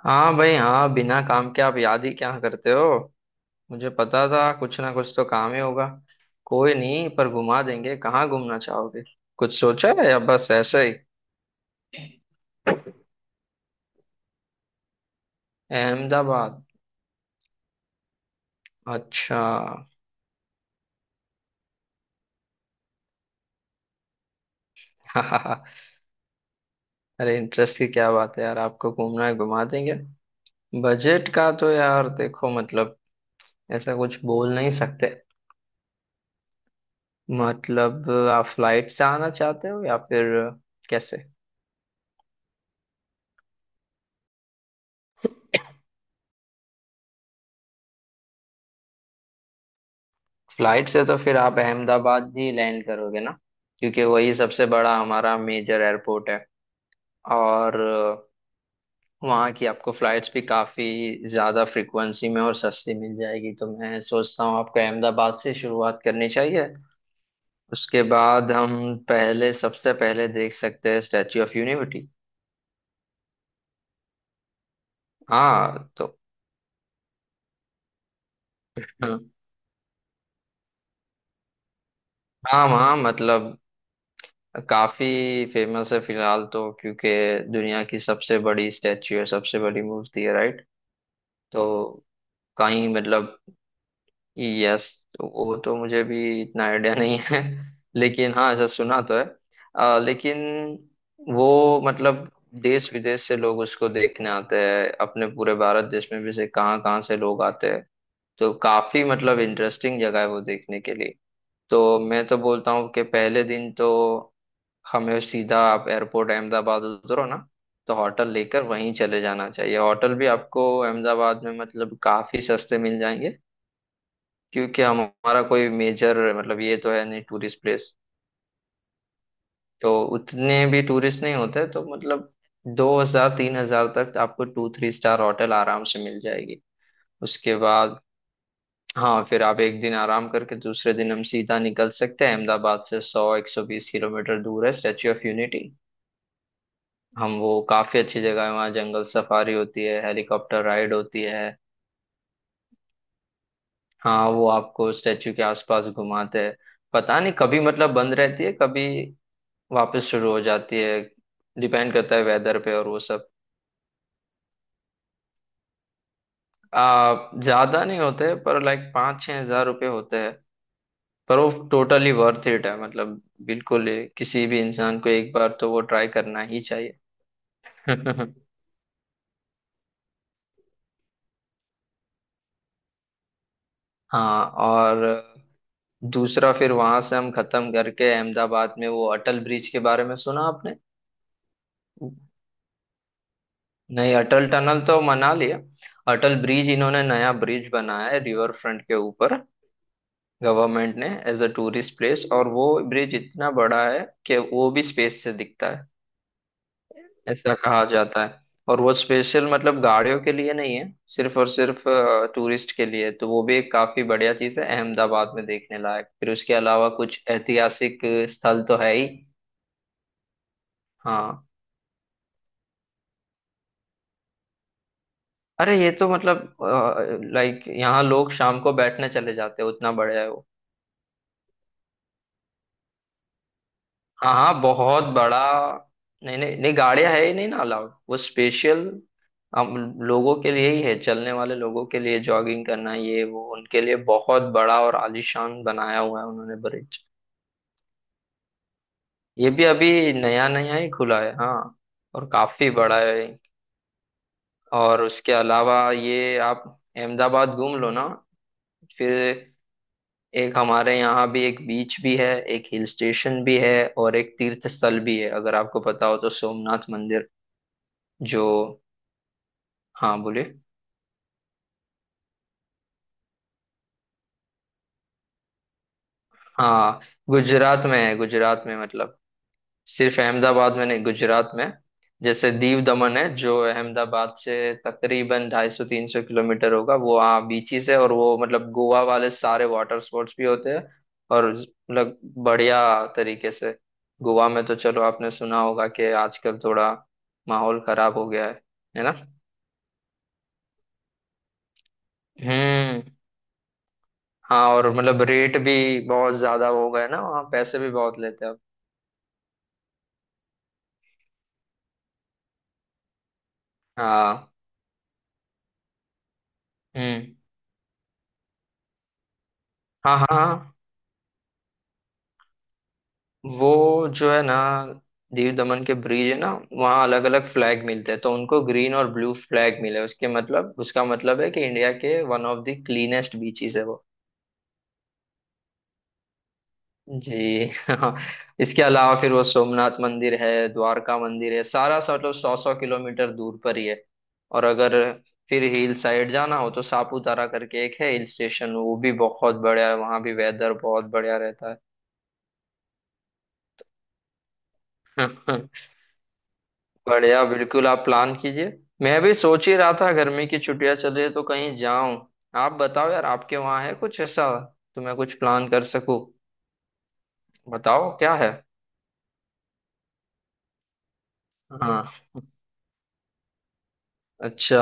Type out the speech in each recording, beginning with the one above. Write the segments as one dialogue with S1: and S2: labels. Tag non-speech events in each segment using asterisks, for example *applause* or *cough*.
S1: हाँ भाई हाँ बिना काम के आप याद ही क्या करते हो। मुझे पता था कुछ ना कुछ तो काम ही होगा। कोई नहीं पर घुमा देंगे, कहाँ घूमना चाहोगे? कुछ सोचा है या बस ऐसे ही? अहमदाबाद। अच्छा। *laughs* अरे इंटरेस्ट की क्या बात है यार, आपको घूमना है घुमा देंगे। बजट का तो यार देखो मतलब ऐसा कुछ बोल नहीं सकते। मतलब आप फ्लाइट से आना चाहते हो या फिर कैसे? फ्लाइट से तो फिर आप अहमदाबाद ही लैंड करोगे ना, क्योंकि वही सबसे बड़ा हमारा मेजर एयरपोर्ट है। और वहाँ की आपको फ्लाइट्स भी काफ़ी ज़्यादा फ्रिक्वेंसी में और सस्ती मिल जाएगी, तो मैं सोचता हूँ आपको अहमदाबाद से शुरुआत करनी चाहिए। उसके बाद हम पहले, सबसे पहले देख सकते हैं स्टैच्यू ऑफ यूनिटी। हाँ तो। हाँ हाँ, वहाँ मतलब काफ़ी फेमस है फिलहाल तो, क्योंकि दुनिया की सबसे बड़ी स्टैच्यू है, सबसे बड़ी मूर्ति है, राइट। तो कहीं मतलब, यस, वो तो मुझे भी इतना आइडिया नहीं है। *laughs* लेकिन हाँ ऐसा सुना तो है। लेकिन वो मतलब देश विदेश से लोग उसको देखने आते हैं, अपने पूरे भारत देश में भी से कहाँ कहाँ से लोग आते हैं। तो काफी मतलब इंटरेस्टिंग जगह है वो देखने के लिए। तो मैं तो बोलता हूँ कि पहले दिन तो हमें सीधा आप एयरपोर्ट अहमदाबाद उतरो ना, तो होटल लेकर वहीं चले जाना चाहिए। होटल भी आपको अहमदाबाद में मतलब काफी सस्ते मिल जाएंगे, क्योंकि हमारा कोई मेजर मतलब ये तो है नहीं टूरिस्ट प्लेस। तो उतने भी टूरिस्ट नहीं होते, तो मतलब 2 हजार 3 हजार तक आपको 2-3 स्टार होटल आराम से मिल जाएगी। उसके बाद हाँ, फिर आप एक दिन आराम करके दूसरे दिन हम सीधा निकल सकते हैं, अहमदाबाद से 100-120 किलोमीटर दूर है स्टेच्यू ऑफ यूनिटी। हम वो काफी अच्छी जगह है, वहाँ जंगल सफारी होती है, हेलीकॉप्टर राइड होती है। हाँ, वो आपको स्टेच्यू के आसपास घुमाते हैं। पता नहीं कभी मतलब बंद रहती है, कभी वापस शुरू हो जाती है, डिपेंड करता है वेदर पे और वो सब। आ ज्यादा नहीं होते पर लाइक 5-6 हजार रुपये होते हैं। पर वो टोटली वर्थ इट है, मतलब बिल्कुल ही किसी भी इंसान को एक बार तो वो ट्राई करना ही चाहिए। *laughs* हाँ और दूसरा, फिर वहां से हम खत्म करके अहमदाबाद में वो अटल ब्रिज के बारे में सुना आपने? नहीं अटल टनल तो मना लिया। अटल ब्रिज, इन्होंने नया ब्रिज बनाया है रिवर फ्रंट के ऊपर, गवर्नमेंट ने, एज अ टूरिस्ट प्लेस। और वो ब्रिज इतना बड़ा है कि वो भी स्पेस से दिखता है, ऐसा कहा जाता है। और वो स्पेशल मतलब गाड़ियों के लिए नहीं है, सिर्फ और सिर्फ टूरिस्ट के लिए। तो वो भी एक काफी बढ़िया चीज है अहमदाबाद में देखने लायक। फिर उसके अलावा कुछ ऐतिहासिक स्थल तो है ही। हाँ। अरे ये तो मतलब लाइक यहाँ लोग शाम को बैठने चले जाते हैं, उतना बड़ा है वो। हाँ हाँ बहुत बड़ा। नहीं नहीं नहीं, गाड़ियां है ही नहीं ना अलाउड, वो स्पेशल हम लोगों के लिए ही है, चलने वाले लोगों के लिए, जॉगिंग करना ये वो, उनके लिए बहुत बड़ा और आलीशान बनाया हुआ है उन्होंने ब्रिज। ये भी अभी नया नया ही खुला है हाँ, और काफी बड़ा है। और उसके अलावा ये आप अहमदाबाद घूम लो ना। फिर एक हमारे यहाँ भी एक बीच भी है, एक हिल स्टेशन भी है, और एक तीर्थ स्थल भी है, अगर आपको पता हो तो सोमनाथ मंदिर जो। हाँ बोलिए। हाँ गुजरात में है, गुजरात में मतलब सिर्फ अहमदाबाद में नहीं, गुजरात में। जैसे दीव दमन है जो अहमदाबाद से तकरीबन 250-300 किलोमीटर होगा, वो हाँ बीचेस है, और वो मतलब गोवा वाले सारे वाटर स्पोर्ट्स भी होते हैं, और मतलब बढ़िया तरीके से। गोवा में तो चलो आपने सुना होगा कि आजकल थोड़ा माहौल खराब हो गया है ना। हम्म। हाँ और मतलब रेट भी बहुत ज्यादा हो गए ना, वहाँ पैसे भी बहुत लेते हैं अब। हाँ। हम्म। हाँ हाँ हाँ, वो जो है ना दीव दमन के ब्रिज है ना, वहाँ अलग अलग फ्लैग मिलते हैं, तो उनको ग्रीन और ब्लू फ्लैग मिले, उसके मतलब उसका मतलब है कि इंडिया के one of the cleanest beaches है वो। जी हाँ। इसके अलावा फिर वो सोमनाथ मंदिर है, द्वारका मंदिर है, सारा सा मतलब 100-100 किलोमीटर दूर पर ही है। और अगर फिर हिल साइड जाना हो तो सापुतारा करके एक है हिल स्टेशन, वो भी बहुत बढ़िया है, वहाँ भी वेदर बहुत बढ़िया रहता है। *laughs* बढ़िया, बिल्कुल आप प्लान कीजिए। मैं भी सोच ही रहा था गर्मी की छुट्टियां चल रही है तो कहीं जाऊं। आप बताओ यार आपके वहाँ है कुछ ऐसा, तो मैं कुछ प्लान कर सकूं। बताओ क्या है। हाँ। अच्छा।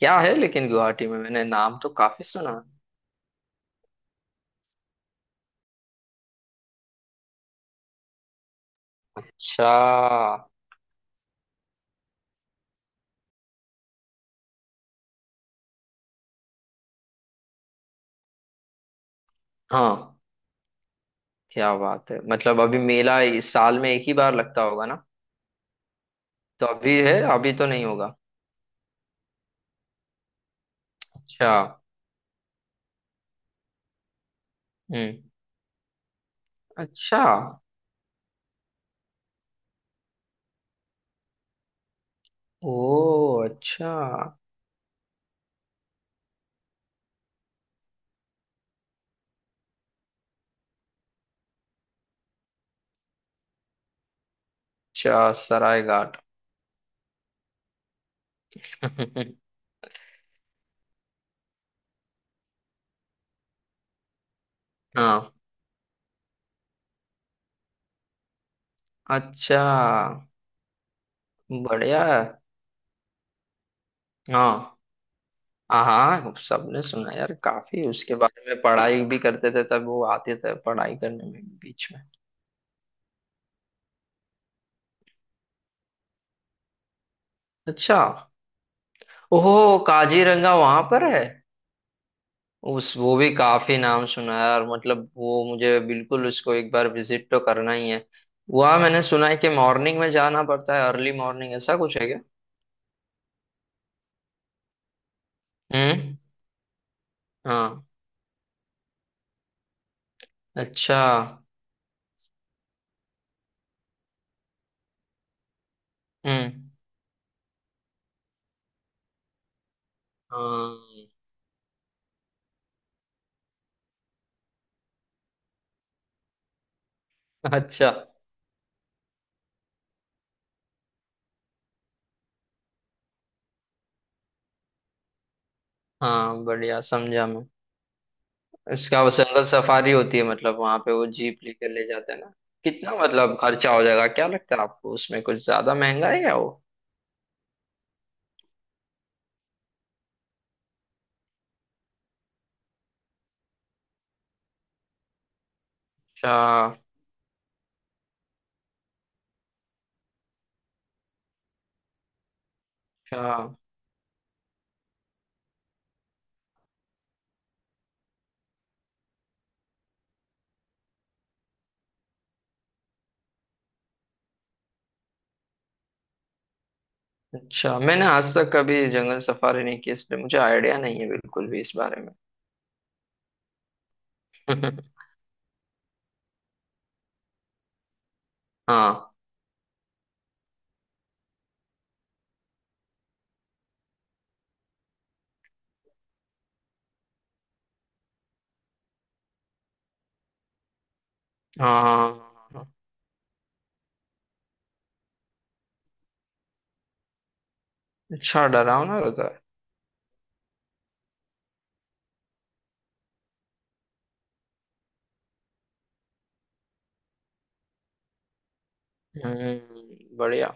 S1: क्या है लेकिन गुवाहाटी में, मैंने नाम तो काफी सुना है। अच्छा। हाँ। क्या बात है, मतलब अभी मेला इस साल में एक ही बार लगता होगा ना। तो अभी है? अभी तो नहीं होगा। अच्छा। हम्म। अच्छा। ओ। अच्छा। अच्छा सराय घाट। *laughs* हाँ। अच्छा। बढ़िया है। हाँ हाँ हाँ, सबने सुना यार, काफी उसके बारे में पढ़ाई भी करते थे तब, वो आते थे पढ़ाई करने में भी बीच में। अच्छा। ओहो, काजीरंगा वहां पर है। उस वो भी काफी नाम सुना है यार, मतलब वो मुझे बिल्कुल उसको एक बार विजिट तो करना ही है। वहाँ मैंने सुना है कि मॉर्निंग में जाना पड़ता है, अर्ली मॉर्निंग ऐसा कुछ है क्या? हम्म। हाँ। अच्छा। हम्म। हाँ। अच्छा। हाँ बढ़िया समझा मैं। इसका वो जंगल सफारी होती है, मतलब वहां पे वो जीप लेकर ले जाते हैं ना। कितना मतलब खर्चा हो जाएगा क्या लगता है आपको उसमें, कुछ ज्यादा महंगा है या वो? अच्छा अच्छा अच्छा, मैंने आज तक कभी जंगल सफारी नहीं की इसलिए मुझे आइडिया नहीं है बिल्कुल भी इस बारे में। *laughs* हाँ हाँ हाँ हाँ, हाँ। अच्छा डरावना रहता है, बढ़िया।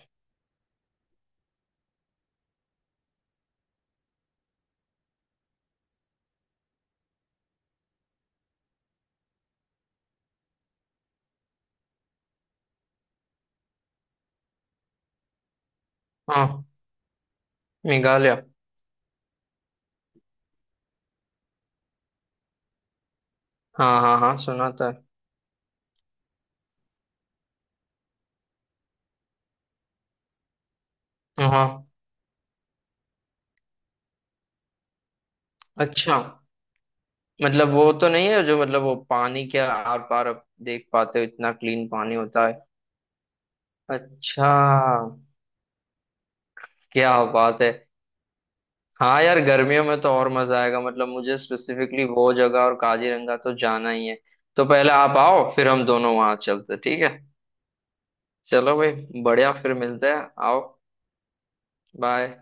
S1: हाँ मेघालय। हाँ हाँ हाँ सुना था। हाँ हाँ, अच्छा, मतलब वो तो नहीं है जो मतलब वो पानी के आर पार आप देख पाते हो इतना क्लीन पानी होता है? अच्छा। क्या बात है। हाँ यार गर्मियों में तो और मजा आएगा, मतलब मुझे स्पेसिफिकली वो जगह और काजीरंगा तो जाना ही है। तो पहले आप आओ फिर हम दोनों वहां चलते, ठीक है। चलो भाई, बढ़िया फिर मिलते हैं, आओ। बाय।